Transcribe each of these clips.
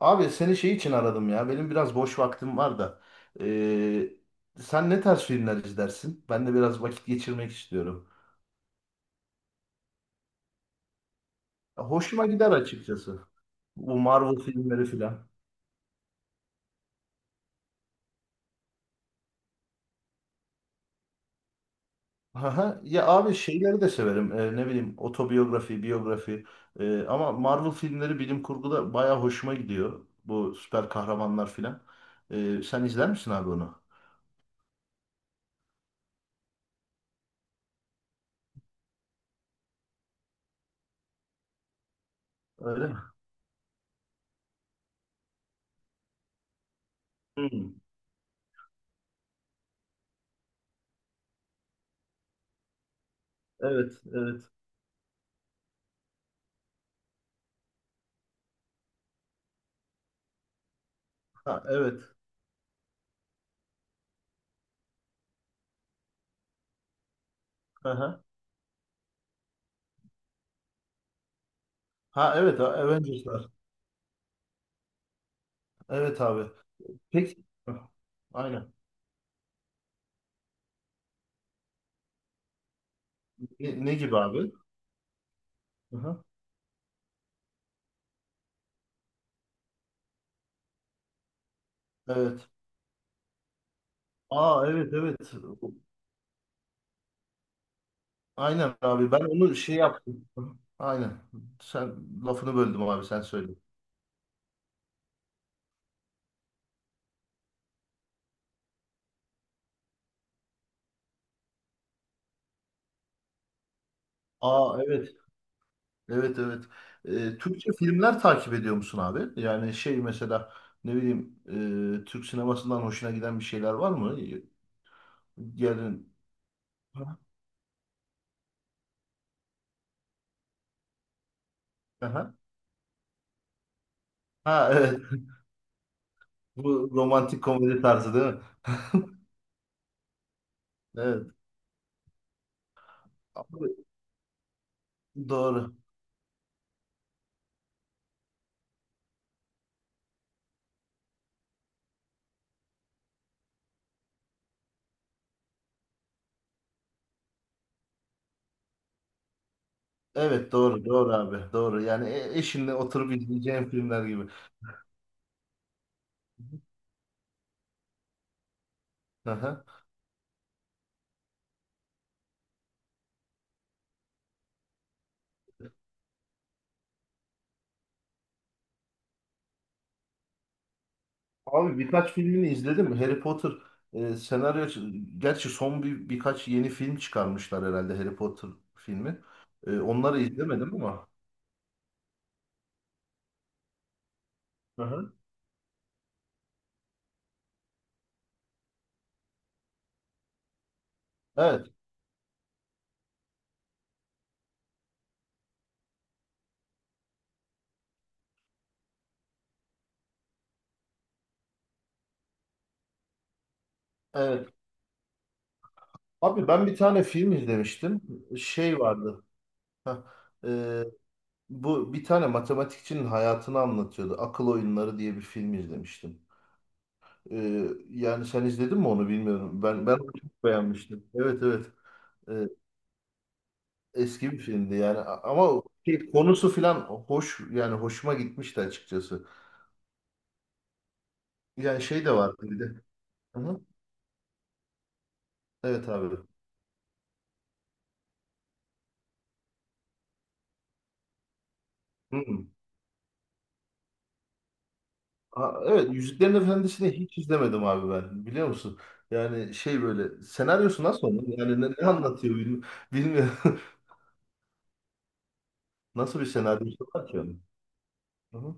Abi seni şey için aradım ya. Benim biraz boş vaktim var da. Ee, sen ne tarz filmler izlersin? Ben de biraz vakit geçirmek istiyorum. Hoşuma gider açıkçası. Bu Marvel filmleri filan. Aha, ya abi şeyleri de severim. Ne bileyim otobiyografi, biyografi. Ama Marvel filmleri bilim kurguda baya hoşuma gidiyor. Bu süper kahramanlar filan. Sen izler misin abi onu? Öyle mi? Hmm, evet, evet. Ha, evet. Aha. Ha evet, Avengers'lar. Evet abi. Peki. Ah, aynen. Ne, ne gibi abi? Aha. Evet. Aa evet evet. Aynen abi ben onu şey yaptım. Aha. Aynen. Sen lafını böldüm abi sen söyle. Aa evet. Evet evet. Türkçe filmler takip ediyor musun abi? Yani şey mesela ne bileyim Türk sinemasından hoşuna giden bir şeyler var mı? Gelin. Aha. Aha. Ha evet. Bu romantik komedi tarzı değil mi? Evet. Abi, doğru. Evet doğru doğru abi doğru yani eşinle oturup izleyeceğim filmler gibi. Aha. Abi birkaç filmini izledim. Harry Potter senaryo gerçi son birkaç yeni film çıkarmışlar herhalde Harry Potter filmi. E, onları izlemedim ama. Aha. Evet evet. Abi ben bir tane film izlemiştim. Şey vardı. Hah. E, Bu bir tane matematikçinin hayatını anlatıyordu. Akıl Oyunları diye bir film izlemiştim. Yani sen izledin mi onu bilmiyorum. Ben onu çok beğenmiştim. Evet evet. Ee, Eski bir filmdi yani ama şey, konusu filan hoş yani hoşuma gitmişti açıkçası. Yani şey de vardı bir de. Hı-hı. Evet abi. Hı. Ha, evet Yüzüklerin Efendisi'ni hiç izlemedim abi ben. Biliyor musun? Yani şey böyle senaryosu nasıl onun? Yani ne, ne anlatıyor bilmiyorum. Nasıl bir senaryosu var ki onun? Hı-hı.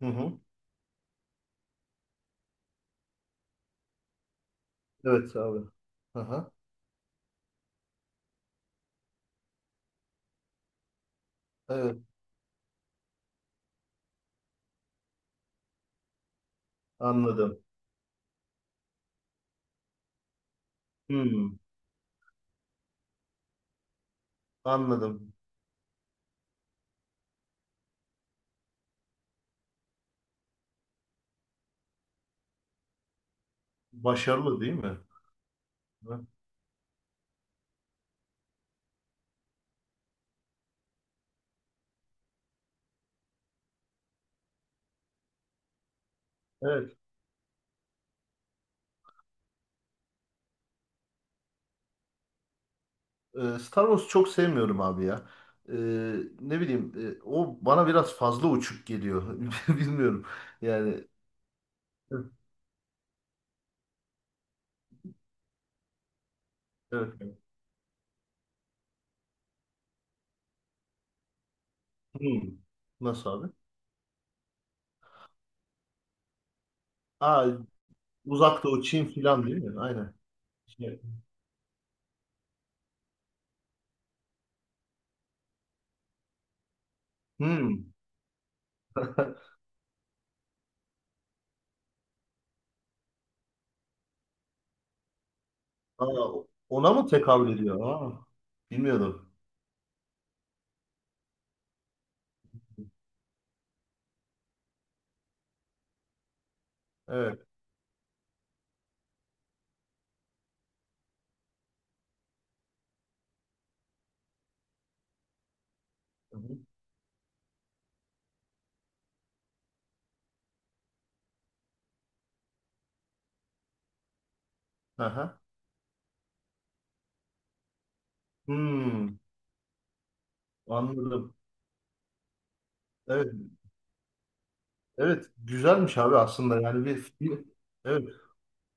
Hı-hı. Evet abi. Aha, evet anladım. Hı. Anladım. Başarılı değil mi? Hı. Evet. Star Wars'u çok sevmiyorum abi ya. Ee, Ne bileyim o bana biraz fazla uçuk geliyor. Bilmiyorum. Yani evet. Evet. Hmm. Nasıl abi? Aa, uzak doğu Çin filan değil mi? Aynen. Şey, hmm. Aa, ona mı tekabül ediyor? Aa, bilmiyordum. Evet. Hı hı. Aha. Hmm. Anladım. Evet. Evet. Güzelmiş abi aslında. Yani bir- evet.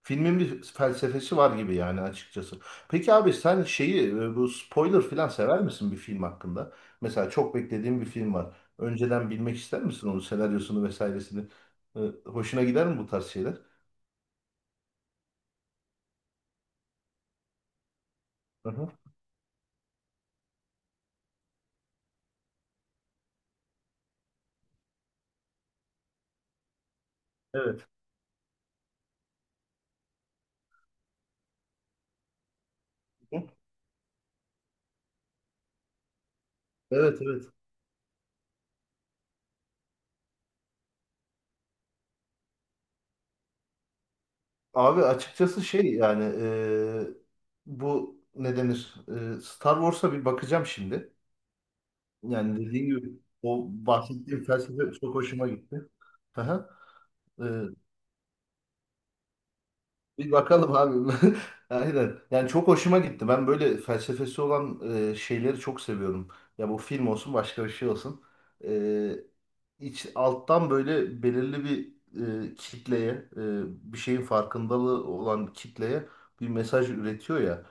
Filmin bir felsefesi var gibi yani açıkçası. Peki abi sen şeyi bu spoiler falan sever misin bir film hakkında? Mesela çok beklediğin bir film var. Önceden bilmek ister misin onun senaryosunu vesairesini? E, hoşuna gider mi bu tarz şeyler? Hı hı. Evet. Hı. Evet evet. Abi açıkçası şey yani bu ne denir? Star Wars'a bir bakacağım şimdi. Yani dediğim gibi o bahsettiğim felsefe çok hoşuma gitti. Hı hı. E, bir bakalım abi. Aynen. Yani çok hoşuma gitti. Ben böyle felsefesi olan şeyleri çok seviyorum. Ya bu film olsun başka bir şey olsun. E, iç, alttan böyle belirli bir kitleye, bir şeyin farkındalığı olan kitleye bir mesaj üretiyor ya.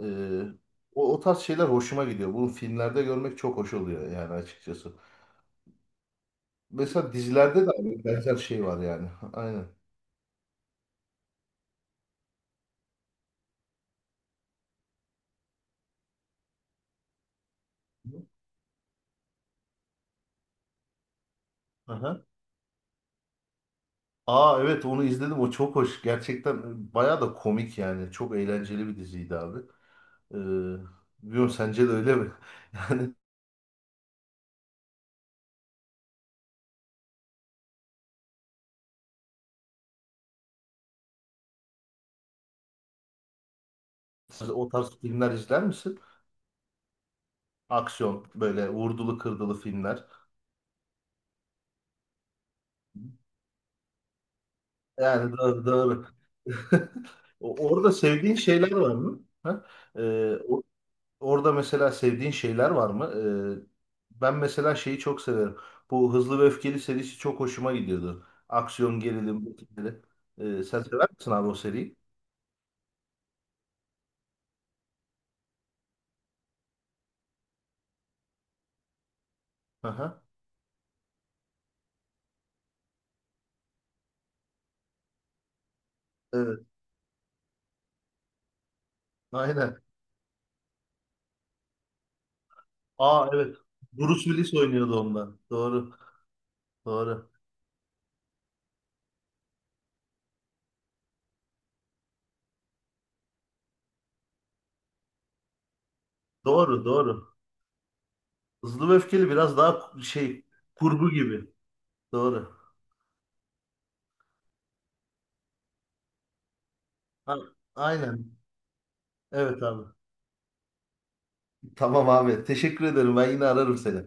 E, O, o tarz şeyler hoşuma gidiyor. Bunu filmlerde görmek çok hoş oluyor yani açıkçası. Mesela dizilerde de aynı benzer şey var yani. Aynen. Aha. Aa evet onu izledim o çok hoş. Gerçekten bayağı da komik yani. Çok eğlenceli bir diziydi abi. Ee, Bilmiyorum sence de öyle mi? Siz o tarz filmler izler misin? Aksiyon böyle vurdulu kırdılı filmler. Yani daha, daha... Orada sevdiğin şeyler var mı? Ha? Ee, o- orada mesela sevdiğin şeyler var mı? Ben mesela şeyi çok severim. Bu Hızlı ve Öfkeli serisi çok hoşuma gidiyordu. Aksiyon, gerilim, bu tipleri. Sen sever misin abi o seriyi? Aha. Evet. Aynen. Aa evet. Bruce Willis oynuyordu onda. Doğru. Doğru. Doğru. Doğru. Hızlı ve Öfkeli biraz daha şey kurgu gibi. Doğru. A- aynen. Evet abi. Tamam abi. Teşekkür ederim. Ben yine ararım seni.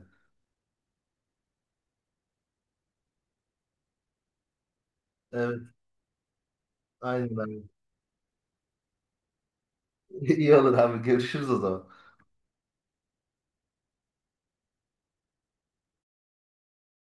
Evet. Aynen abi. İyi olur abi. Görüşürüz o zaman.